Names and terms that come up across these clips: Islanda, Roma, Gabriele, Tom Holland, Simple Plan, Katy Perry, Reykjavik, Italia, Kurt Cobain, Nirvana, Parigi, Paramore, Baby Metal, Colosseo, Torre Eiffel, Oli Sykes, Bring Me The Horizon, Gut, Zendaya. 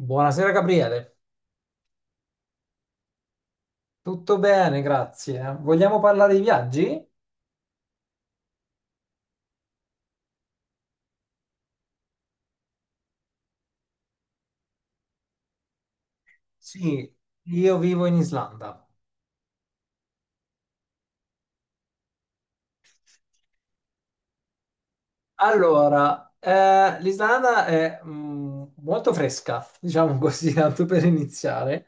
Buonasera Gabriele, tutto bene, grazie. Vogliamo parlare di viaggi? Sì, io vivo in Islanda. Allora, l'Islanda è molto fresca, diciamo così, tanto per iniziare.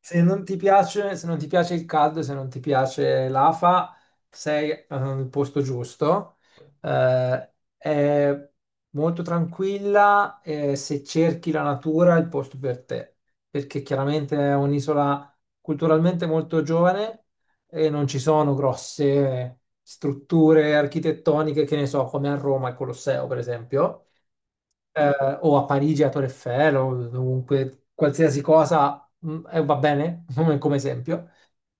Se non ti piace il caldo, se non ti piace l'afa, sei nel posto giusto. È molto tranquilla e se cerchi la natura è il posto per te, perché chiaramente è un'isola culturalmente molto giovane e non ci sono grosse strutture architettoniche, che ne so, come a Roma il Colosseo, per esempio, o a Parigi a Torre Eiffel, o dovunque, qualsiasi cosa, va bene come esempio.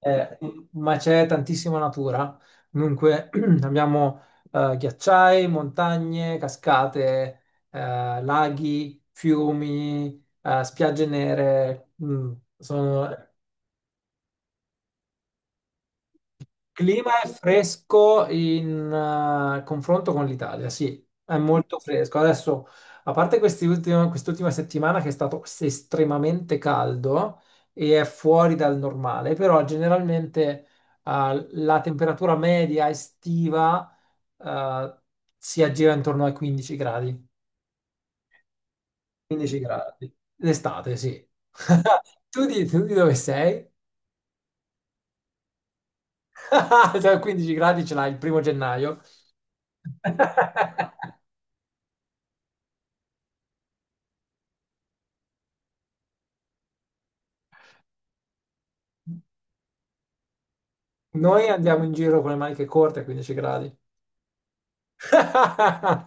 Eh, ma c'è tantissima natura. Dunque abbiamo ghiacciai, montagne, cascate, laghi, fiumi, spiagge nere, sono clima è fresco in confronto con l'Italia, sì, è molto fresco. Adesso, a parte quest'ultima settimana che è stato estremamente caldo e è fuori dal normale, però generalmente la temperatura media estiva eh, si aggira intorno ai 15 gradi. 15 gradi. L'estate, sì. Tu di dove sei? Cioè, 15 gradi ce l'hai il primo gennaio. Noi andiamo in giro con le maniche corte a 15 gradi.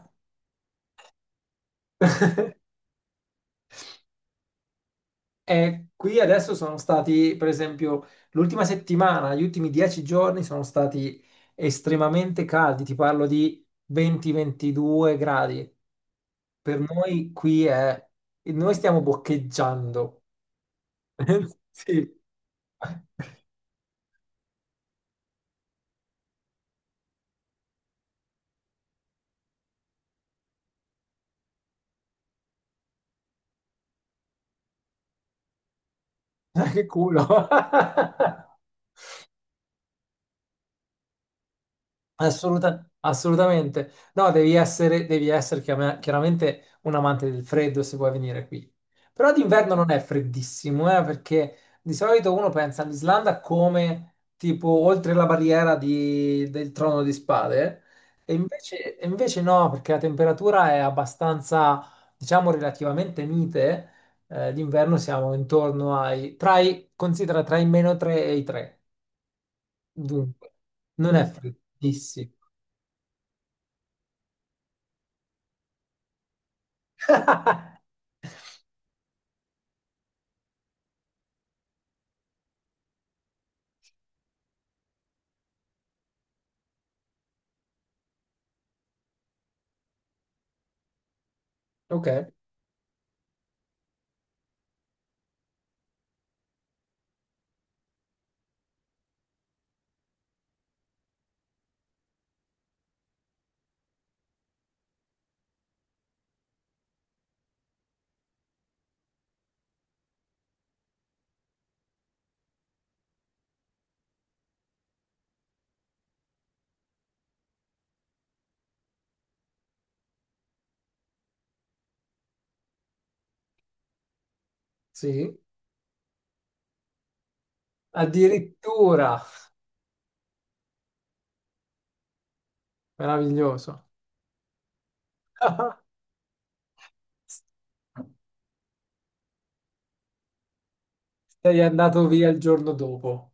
E qui adesso sono stati, per esempio, l'ultima settimana, gli ultimi 10 giorni sono stati estremamente caldi, ti parlo di 20-22 gradi. Per noi qui è... Noi stiamo boccheggiando. Sì. Ma che culo. Assolutamente. No, devi essere chiaramente un amante del freddo se vuoi venire qui. Però d'inverno non è freddissimo, perché di solito uno pensa all'Islanda come tipo oltre la barriera del trono di spade, e invece, no, perché la temperatura è abbastanza, diciamo, relativamente mite. D'inverno siamo intorno ai, tra i, considera tra i meno 3 e i 3. Dunque, non è freddissimo. Ok, sì. Addirittura, meraviglioso. Sei andato via il giorno dopo.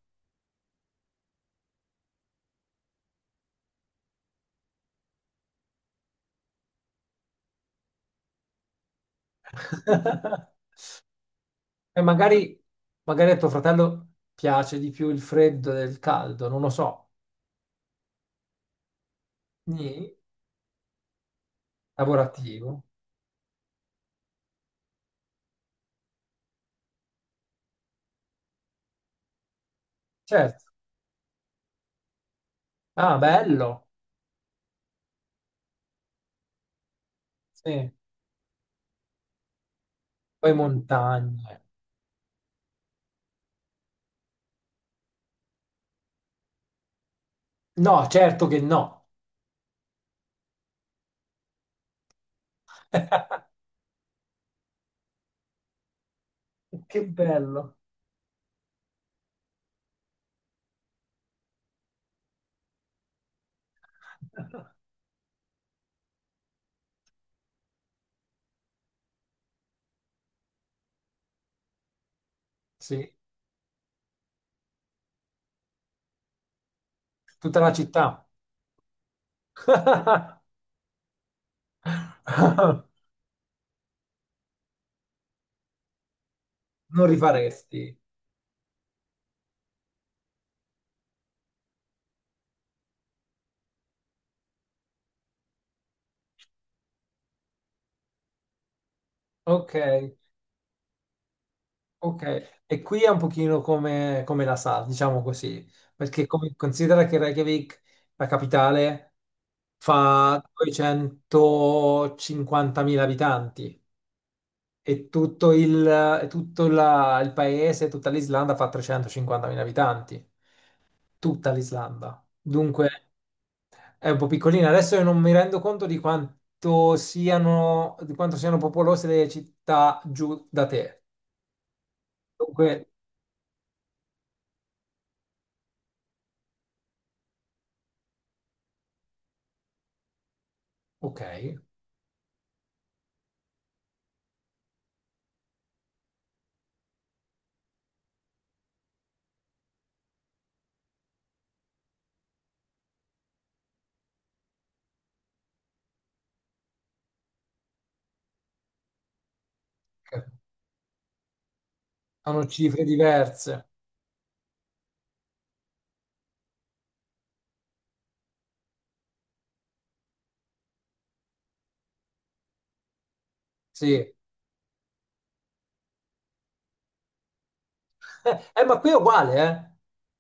E magari, magari a tuo fratello piace di più il freddo del caldo, non lo so. Nì, lavorativo. Certo. Ah, bello. Sì. Poi montagne. No, certo che no. Che bello. Sì, tutta la città. Non rifaresti. Ok. Ok, e qui è un pochino come, come la sa, diciamo così, perché considera che Reykjavik, la capitale, fa 250.000 abitanti e tutto il, e il paese, tutta l'Islanda fa 350.000 abitanti, tutta l'Islanda. Dunque è un po' piccolina. Adesso io non mi rendo conto di quanto siano popolose le città giù da te. Dunque, ok. Ok. Sono cifre diverse, sì. Ma qui è uguale, eh?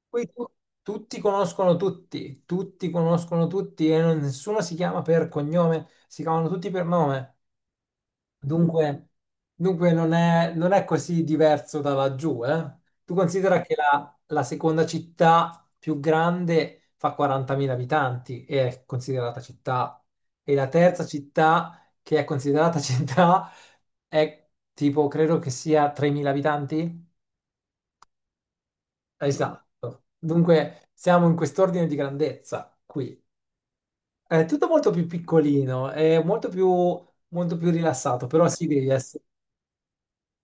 Qui tu- tutti conoscono tutti e nessuno si chiama per cognome, si chiamano tutti per nome. Dunque, dunque, non è così diverso da laggiù, eh? Tu considera che la seconda città più grande fa 40.000 abitanti e è considerata città, e la terza città che è considerata città è tipo, credo che sia 3.000 abitanti? Esatto. Dunque, siamo in quest'ordine di grandezza qui. È tutto molto più piccolino, è molto più rilassato, però sì, devi essere.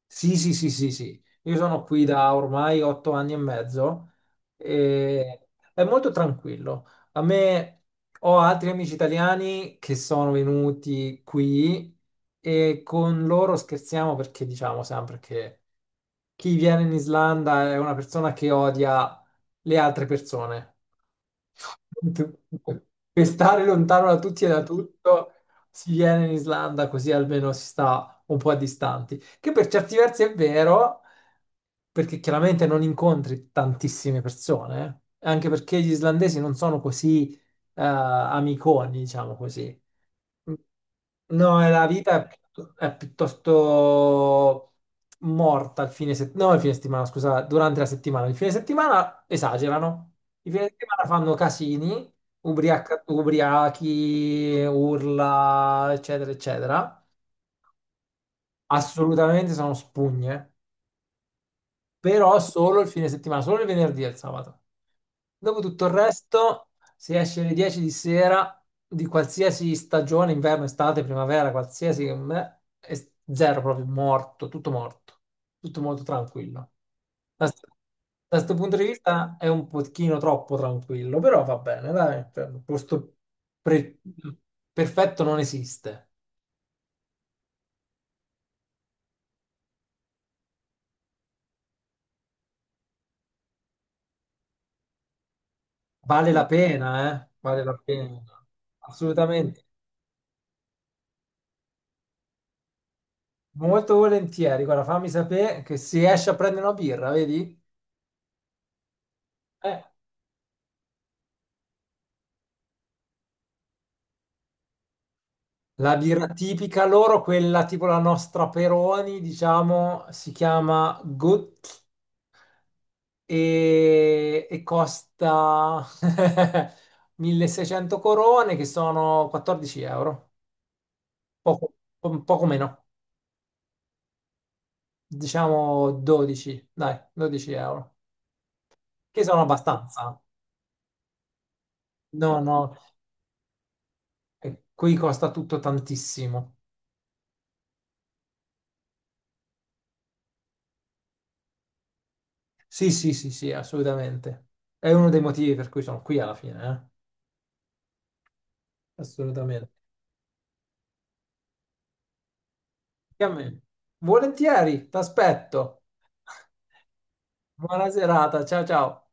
Sì, sì, sì, sì, sì. Io sono qui da ormai 8 anni e mezzo e è molto tranquillo. A me ho altri amici italiani che sono venuti qui e con loro scherziamo perché diciamo sempre che chi viene in Islanda è una persona che odia le altre persone tu- per stare lontano da tutti e da tutto, si viene in Islanda così almeno si sta un po' a distanti. Che per certi versi è vero, perché chiaramente non incontri tantissime persone, eh. Anche perché gli islandesi non sono così amiconi, diciamo così. No, la vita è, è piuttosto morta il fine settimana, no, il fine settimana, scusa, durante la settimana. Il fine settimana esagerano. Il fine settimana fanno casini, ubriachi, urla, eccetera, eccetera. Assolutamente sono spugne però solo il fine settimana, solo il venerdì e il sabato. Dopo tutto il resto, se esci alle 10 di sera di qualsiasi stagione, inverno, estate, primavera, qualsiasi, che me, è zero proprio, morto, tutto molto tranquillo. Da questo punto di vista è un pochino troppo tranquillo, però va bene, dai, un posto pre- perfetto non esiste. Vale la pena, eh? Vale la pena, assolutamente. Molto volentieri, guarda, fammi sapere che si esce a prendere una birra, vedi? Eh, La birra tipica loro, quella tipo la nostra Peroni, diciamo, si chiama Gut e costa 1600 corone, che sono 14 euro, poco, poco meno, diciamo 12, dai, 12 euro, che sono abbastanza. No, no, qui costa tutto tantissimo. Sì, sì, sì, sì, assolutamente. È uno dei motivi per cui sono qui alla fine, eh? Assolutamente. Chiami. Volentieri, t'aspetto. Buona serata, ciao ciao.